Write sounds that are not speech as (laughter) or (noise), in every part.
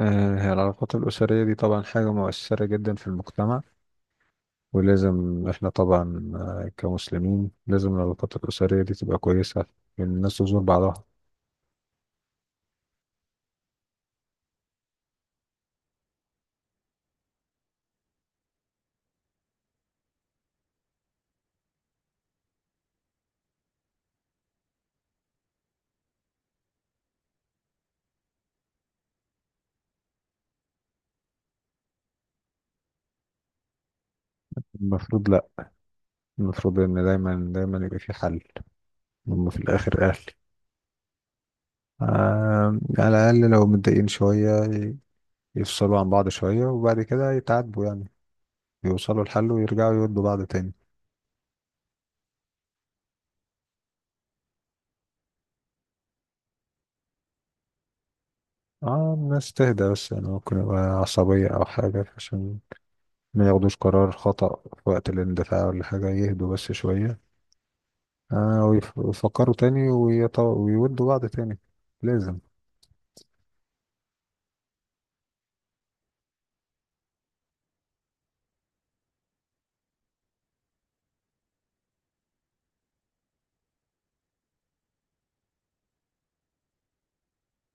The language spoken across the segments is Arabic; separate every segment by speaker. Speaker 1: آه، هي العلاقات الأسرية دي طبعا حاجة مؤثرة جدا في المجتمع. ولازم احنا طبعا كمسلمين لازم العلاقات الأسرية دي تبقى كويسة لأن الناس تزور بعضها. المفروض لأ. المفروض إن دايما دايما يبقى في حل. هم في الآخر أهل. آه، على الأقل لو متضايقين شوية يفصلوا عن بعض شوية وبعد كده يتعاتبوا يعني يوصلوا لحل ويرجعوا يودوا بعض تاني. اه الناس تهدى، بس يعني ممكن يبقى عصبية أو حاجة، عشان ما ياخدوش قرار خطأ في وقت الاندفاع ولا حاجة، يهدوا بس شوية. آه ويفكروا تاني ويودوا بعض تاني. لازم.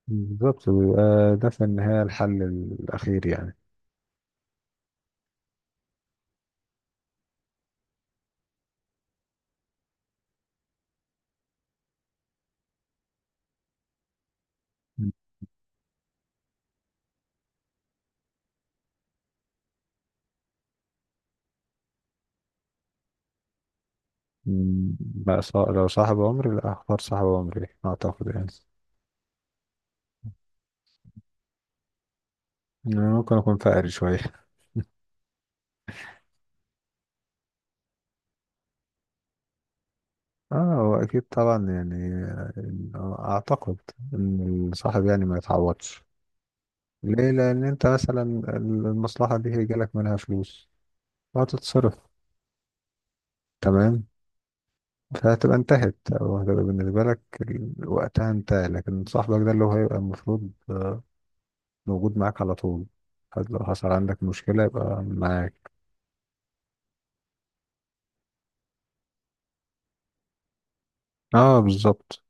Speaker 1: بالظبط، ويبقى ده في النهاية الحل الأخير يعني. لو صاحب عمري، لا، أختار صاحب عمري أعتقد يعني. أنا ممكن أكون فقري شوية (laughs) اه، هو أكيد طبعا يعني. أعتقد إن الصاحب يعني ما يتعوضش. ليه؟ لأن أنت مثلا المصلحة دي هيجيلك منها فلوس وهتتصرف، تمام. فهتبقى انتهت او هتبقى بالنسبة لك وقتها انتهى، لكن صاحبك ده اللي هو هيبقى المفروض موجود معاك على طول. حتى لو حصل عندك مشكلة يبقى معاك. اه، بالظبط.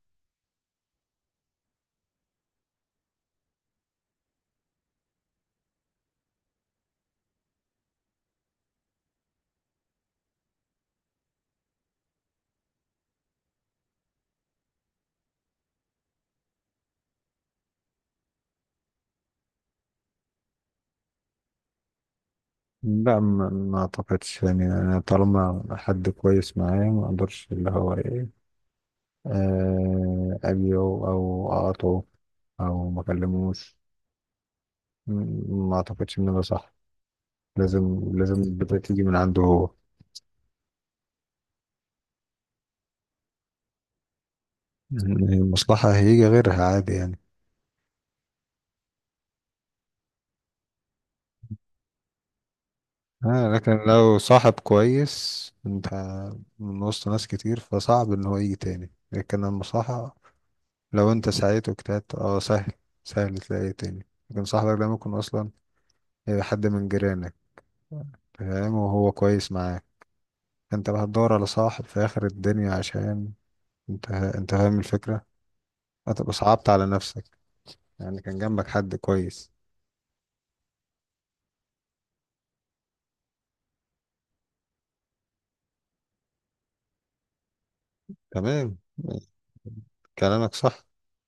Speaker 1: لا، ما اعتقدش يعني، انا طالما حد كويس معايا ما اقدرش اللي هو ايه، اجيه او اقاطعه او ما اكلموش. ما اعتقدش ان ده صح. لازم لازم البداية تيجي من عنده هو. المصلحة هيجي غيرها عادي يعني. آه، لكن لو صاحب كويس انت من وسط ناس كتير فصعب ان هو يجي تاني، لكن لما صاحب، لو انت سعيت واجتهدت اه سهل. سهل تلاقيه تاني، لكن صاحبك ده ممكن اصلا يبقى حد من جيرانك، فاهم؟ وهو كويس معاك، انت بقى هتدور على صاحب في اخر الدنيا، عشان انت فاهم الفكرة، هتبقى صعبت على نفسك. يعني كان جنبك حد كويس. تمام، كلامك صح.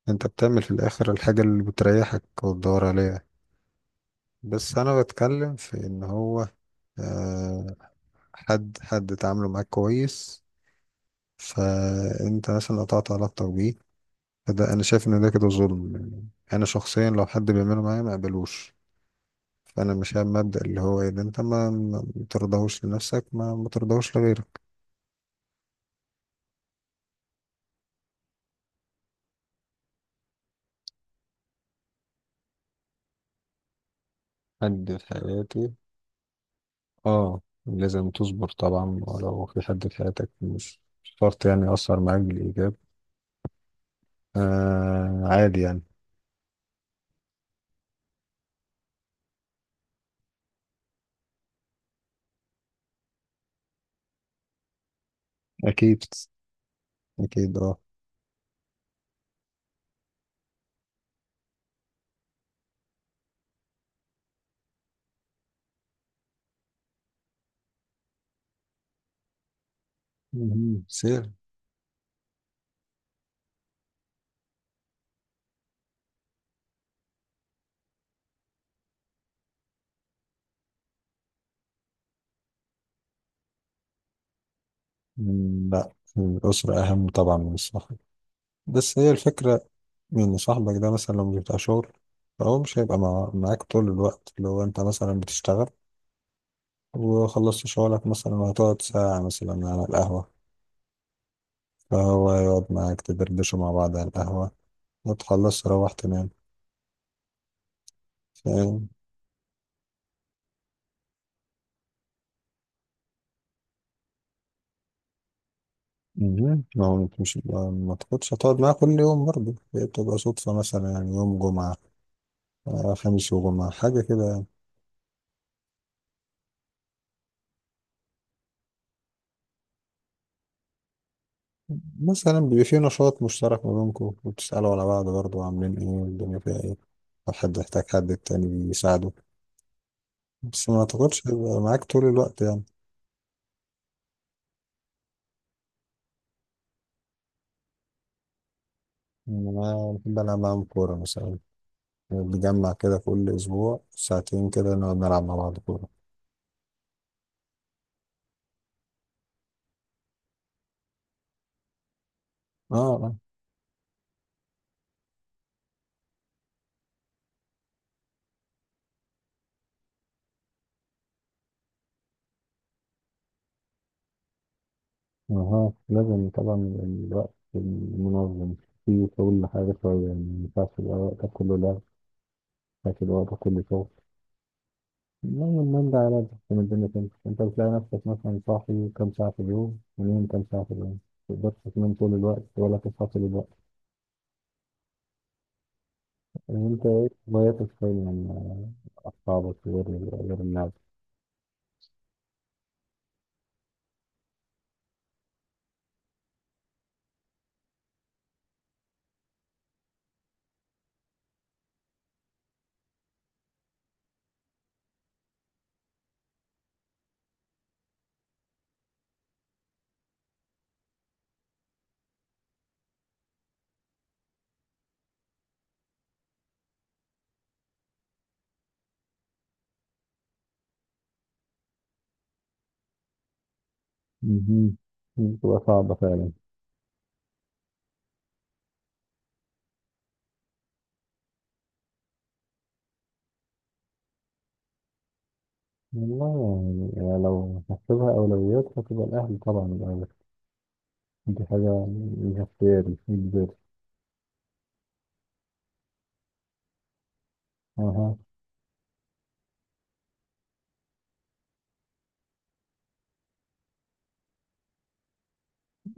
Speaker 1: انت بتعمل في الاخر الحاجة اللي بتريحك وتدور عليها، بس انا بتكلم في ان هو آه، حد تعامله معاك كويس فانت مثلا قطعت علاقتك بيه. فده انا شايف ان ده كده ظلم، يعني انا شخصيا لو حد بيعمله معايا ما اقبلوش. فانا مش هعمل مبدأ اللي هو ايه ده، انت ما ترضاهوش لنفسك ما ترضاهوش لغيرك. حد في حياتي؟ اه لازم تصبر طبعا، ولو في حد في حياتك مش شرط يعني يأثر معاك بالإيجاب. آه، عادي يعني. أكيد. أكيد اه. مهم. بس هي. مم، لا. الأسرة أهم طبعا من الصاحب. بس هي الفكرة إن صاحبك ده مثلا لو مش بتاع شغل فهو مش هيبقى معاك طول الوقت. لو أنت مثلا بتشتغل وخلصت شغلك مثلا وهتقعد ساعة مثلا على القهوة، فهو يقعد معاك تدردشوا مع بعض على القهوة وتخلص تروح تنام، فاهم؟ مهم. ما هو أنت مش ما تاخدش هتقعد معاه كل يوم برضه، هي بتبقى صدفة مثلا يعني يوم جمعة، خميس وجمعة حاجة كده. مثلا بيبقى في نشاط مشترك ما بينكم، وبتسألوا على بعض برضه عاملين ايه والدنيا فيها ايه. لو حد يحتاج حد التاني بيساعده. بس ما اعتقدش هيبقى معاك طول الوقت يعني. يعني انا بحب العب معاهم كورة مثلا. بنجمع كده كل اسبوع ساعتين، كده نقعد نلعب مع بعض كورة. اه اه. اها، لازم طبعا. الوقت المنظم فيه كل حاجة شوية، يعني ما ينفعش يبقى وقتك كله لعب لكن وقتك كله شغل. المهم من ده على ده من الدنيا تمشي، انت بتلاقي نفسك مثلا صاحي كام ساعة في اليوم ونايم كام ساعة في اليوم. متقدرش تنام طول الوقت ولا تصحى طول الوقت. يعني انت ايه هواياتك فعلا يعني؟ اصحابك غير الناس مهم. بتبقى صعبة فعلا. والله يعني لو هحسبها أولويات هتبقى الأهل طبعا الأول. دي حاجة من اختياري كبير. أها.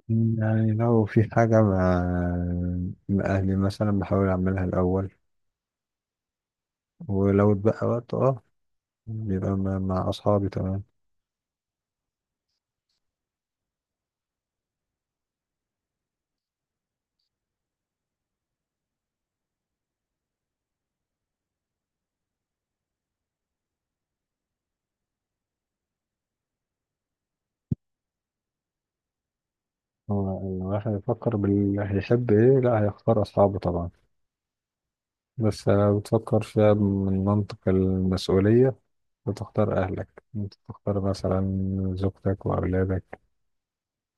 Speaker 1: يعني لو في حاجة مع أهلي مثلا بحاول أعملها الأول. ولو اتبقى وقت اه بيبقى مع أصحابي، تمام. هو الواحد يفكر بال هيحب إيه، لا، هيختار أصحابه طبعا. بس لو بتفكر فيها من منطق المسؤولية بتختار أهلك، أنت تختار مثلا زوجتك وأولادك،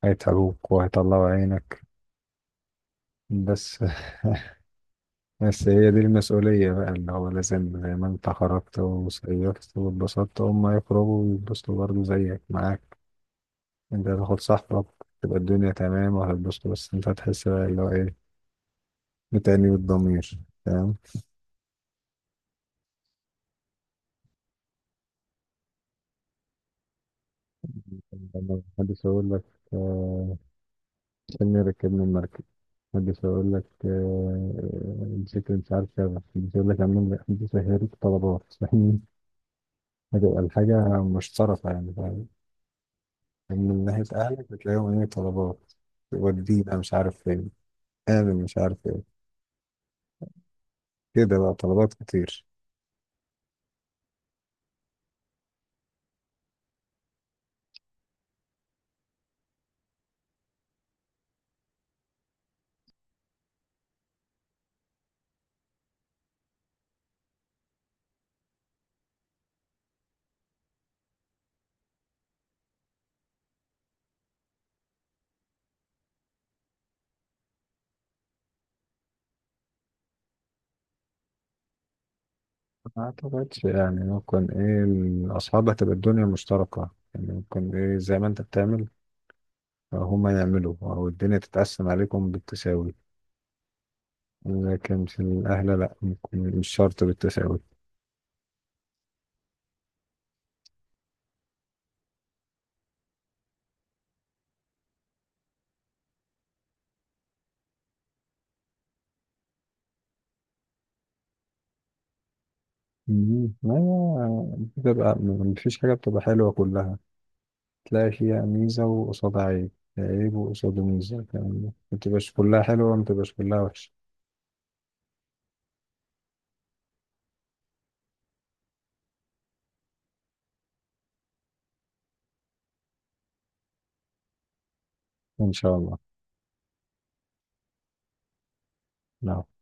Speaker 1: هيتعبوك وهيطلعوا عينك بس. (laughs) بس هي دي المسؤولية بقى، اللي هو لازم زي ما أنت خرجت وصيفت واتبسطت هم يخرجوا ويتبسطوا برضه زيك معاك. أنت هتاخد صاحبك تبقى الدنيا تمام وهتتبسطوا، بس أنت هتحس بقى اللي هو إيه، بتأنيب الضمير، فاهم؟ لما محدش يقول لك آه، عشان ركبنا المركب، محدش يقول لك الشكل مش عارف كذا، محدش يقول لك عاملين، محدش هيريك طلبات (laughs) فاهمين؟ هتبقى الحاجة مشتركة يعني، فاهم؟ يعني من ناحية أهلك بتلاقيهم إيه، طلبات، ودينا مش عارف فين، قابل مش عارف ايه، كده بقى طلبات كتير. ما اعتقدش يعني، ممكن ايه الأصحاب هتبقى الدنيا مشتركة يعني، ممكن ايه زي ما انت بتعمل هما يعملوا، أو الدنيا تتقسم عليكم بالتساوي. لكن في الأهل لأ، ممكن مش شرط بالتساوي. مم. ما هي بتبقى مفيش حاجة بتبقى حلوة كلها، تلاقي فيها ميزة وقصادها عيب، عيب وقصاده ميزة، يعني متبقاش كلها حلوة، متبقاش كلها وحشة. إن شاء الله. نعم.